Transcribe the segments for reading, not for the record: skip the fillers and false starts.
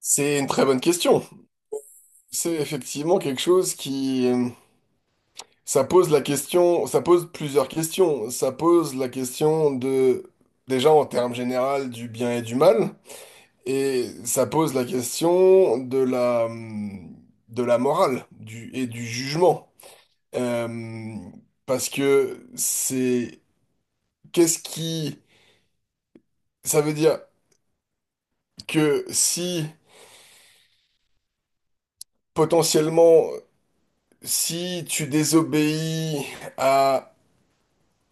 C'est une très bonne question. C'est effectivement quelque chose qui... Ça pose la question, ça pose plusieurs questions. Ça pose la question de, déjà en termes généraux, du bien et du mal. Et ça pose la question de de la morale et du jugement. Euh, Parce que c'est... Qu'est-ce qui... Ça veut dire que si, potentiellement, si tu désobéis à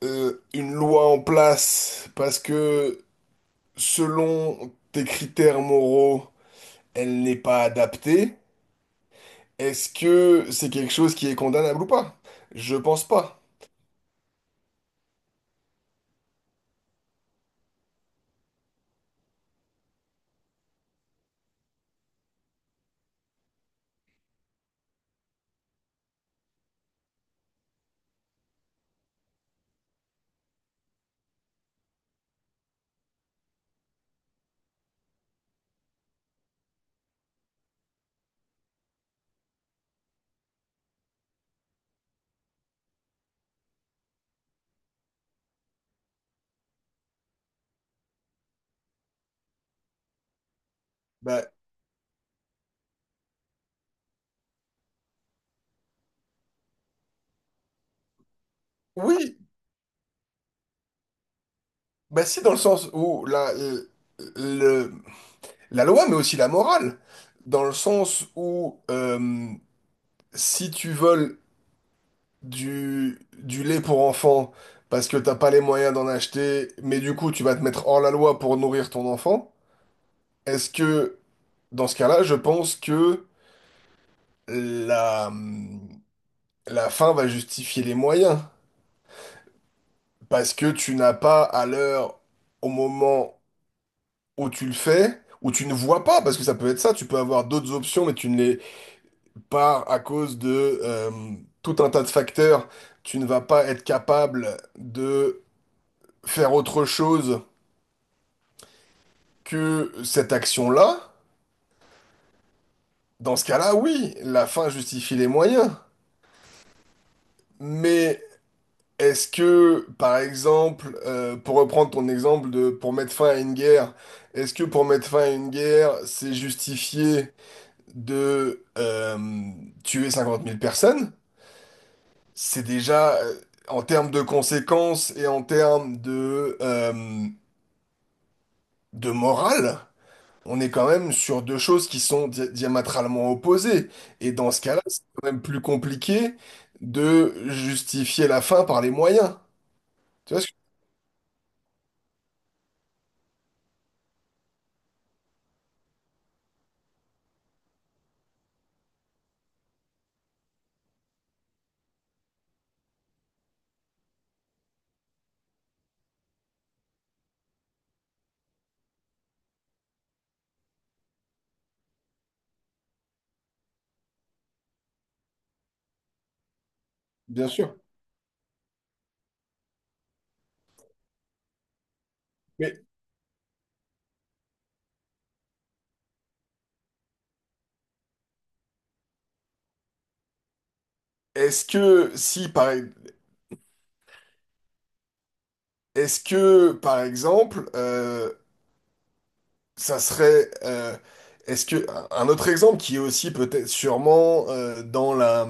une loi en place parce que selon tes critères moraux, elle n'est pas adaptée, est-ce que c'est quelque chose qui est condamnable ou pas? Je pense pas. Bah oui, bah si dans le sens où le- la loi, mais aussi la morale, dans le sens où si tu voles du lait pour enfants parce que t'as pas les moyens d'en acheter, mais du coup tu vas te mettre hors la loi pour nourrir ton enfant, est-ce que dans ce cas-là, je pense que la, la fin va justifier les moyens. Parce que tu n'as pas à l'heure, au moment où tu le fais, où tu ne vois pas, parce que ça peut être ça, tu peux avoir d'autres options, mais tu ne les pas à cause de tout un tas de facteurs. Tu ne vas pas être capable de faire autre chose que cette action-là. Dans ce cas-là, oui, la fin justifie les moyens. Mais est-ce que, par exemple, pour reprendre ton exemple de pour mettre fin à une guerre, est-ce que pour mettre fin à une guerre, c'est justifié de tuer 50 000 personnes? C'est déjà en termes de conséquences et en termes de de morale, on est quand même sur deux choses qui sont diamétralement opposées. Et dans ce cas-là, c'est quand même plus compliqué de justifier la fin par les moyens. Tu vois ce que... Bien sûr. Mais Est-ce que si par e-, est-ce que par exemple ça serait est-ce que un autre exemple qui est aussi peut-être sûrement dans la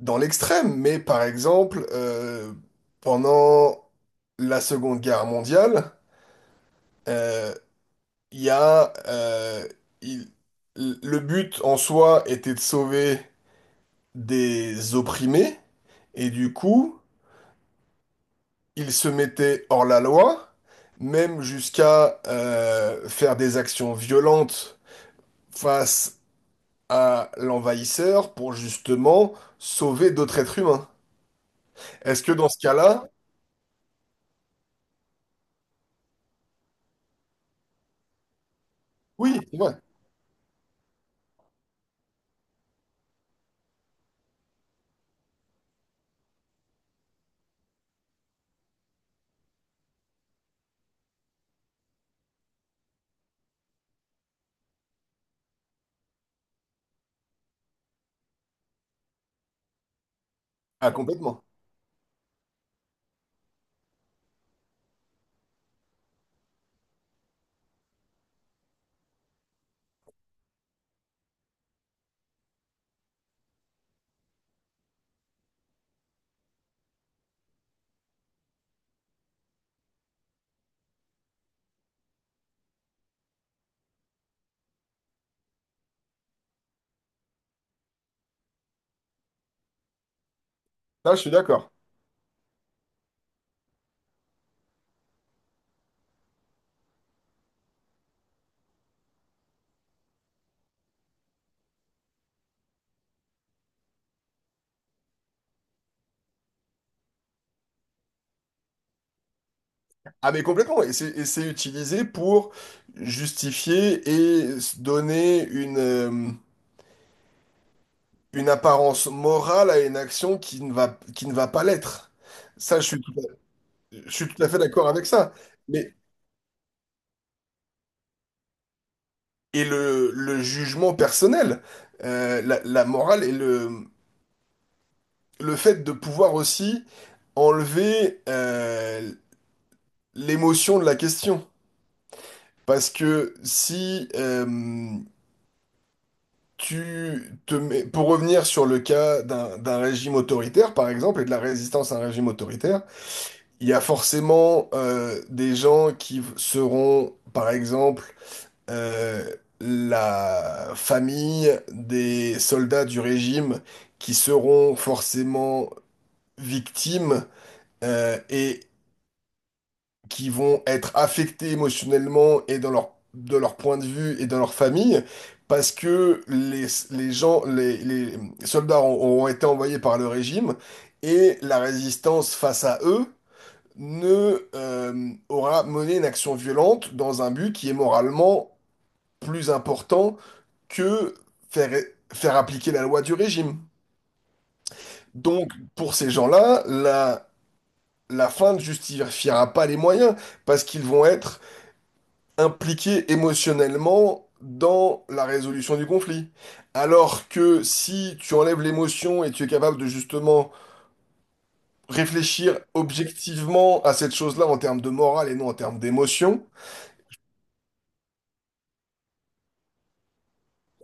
dans l'extrême mais par exemple pendant la Seconde Guerre mondiale, euh, il y a il- le but en soi était de sauver des opprimés et du coup il se mettait hors la loi, même jusqu'à faire des actions violentes face à l'envahisseur pour justement sauver d'autres êtres humains. Est-ce que dans ce cas-là, oui, c'est vrai. Ah, complètement. Là, je suis d'accord. Ah, mais complètement. Et c'est utilisé pour justifier et donner une une apparence morale à une action qui ne va pas l'être. Ça, je suis tout à- Je suis tout à fait d'accord avec ça. Mais le jugement personnel, euh, la morale et le fait de pouvoir aussi enlever l'émotion de la question. Parce que si tu te mets, pour revenir sur le cas d'un régime autoritaire, par exemple, et de la résistance à un régime autoritaire, il y a forcément des gens qui seront, par exemple, euh, la famille des soldats du régime qui seront forcément victimes et qui vont être affectés émotionnellement et dans de leur point de vue et dans leur famille, parce que les soldats ont été envoyés par le régime et la résistance face à eux ne aura mené une action violente dans un but qui est moralement plus important que faire, faire appliquer la loi du régime. Donc, pour ces gens-là, la fin ne justifiera pas les moyens, parce qu'ils vont être impliqués émotionnellement dans la résolution du conflit. Alors que si tu enlèves l'émotion et tu es capable de justement réfléchir objectivement à cette chose-là en termes de morale et non en termes d'émotion,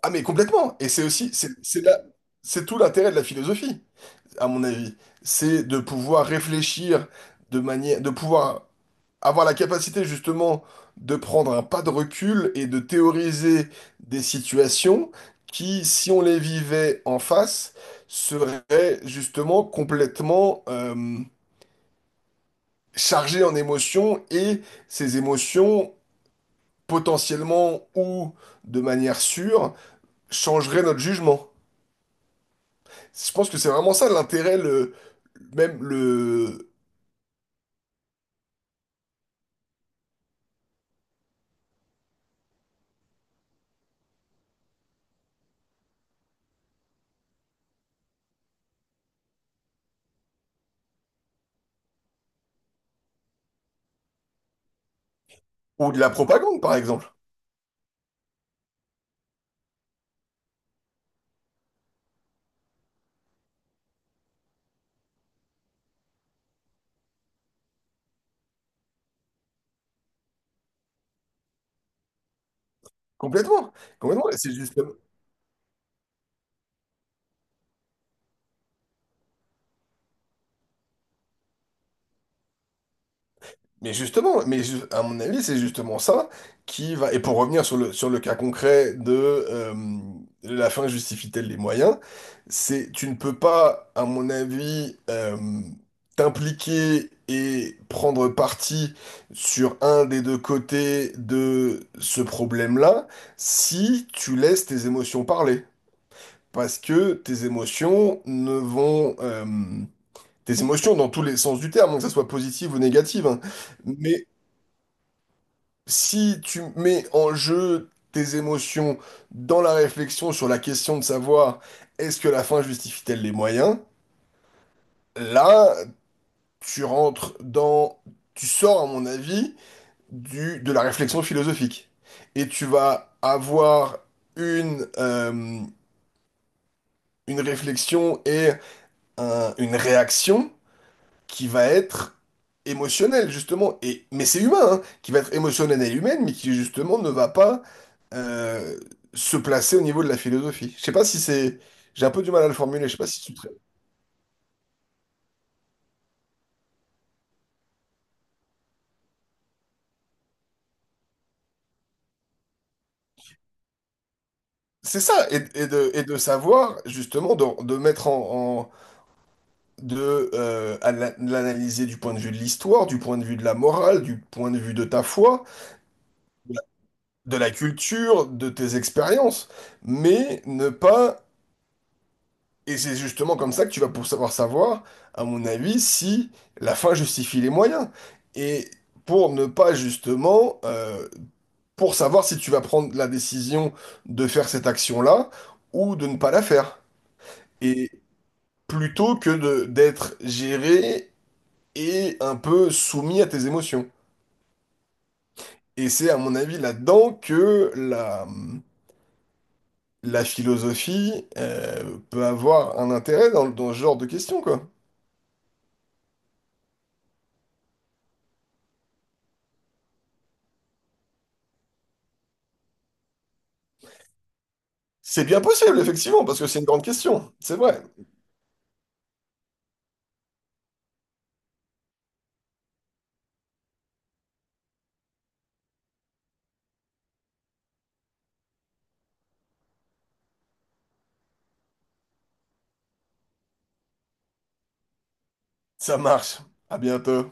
ah mais complètement. Et c'est aussi, c'est la- c'est tout l'intérêt de la philosophie. À mon avis. C'est de pouvoir réfléchir de manière, de pouvoir avoir la capacité justement de prendre un pas de recul et de théoriser des situations qui, si on les vivait en face, seraient justement complètement chargées en émotions et ces émotions potentiellement ou de manière sûre changeraient notre jugement. Je pense que c'est vraiment ça l'intérêt, même le, ou de la propagande, par exemple. Complètement, complètement. Et c'est mais à mon avis, c'est justement ça qui va. Et pour revenir sur sur le cas concret de la fin justifie-t-elle les moyens, c'est tu ne peux pas, à mon avis, t'impliquer et prendre parti sur un des deux côtés de ce problème-là si tu laisses tes émotions parler. Parce que tes émotions ne vont, tes émotions dans tous les sens du terme, hein, que ça soit positive ou négative, hein. Mais si tu mets en jeu tes émotions dans la réflexion sur la question de savoir est-ce que la fin justifie-t-elle les moyens, là, tu rentres dans, tu sors, à mon avis, de la réflexion philosophique. Et tu vas avoir une, euh, une réflexion et une réaction qui va être émotionnelle, justement. Et, mais c'est humain, hein, qui va être émotionnelle et humaine, mais qui, justement, ne va pas euh, se placer au niveau de la philosophie. Je sais pas si c'est... J'ai un peu du mal à le formuler, je sais pas si c'est ça, et de savoir, justement, de mettre en... l'analyser du point de vue de l'histoire, du point de vue de la morale, du point de vue de ta foi, de la culture, de tes expériences, mais ne pas et c'est justement comme ça que tu vas pour savoir, à mon avis, si la fin justifie les moyens. Et pour ne pas justement, pour savoir si tu vas prendre la décision de faire cette action-là ou de ne pas la faire. Et plutôt que de d'être géré et un peu soumis à tes émotions. Et c'est à mon avis là-dedans que la philosophie, peut avoir un intérêt dans ce genre de questions, quoi. C'est bien possible, effectivement, parce que c'est une grande question. C'est vrai. Ça marche. À bientôt.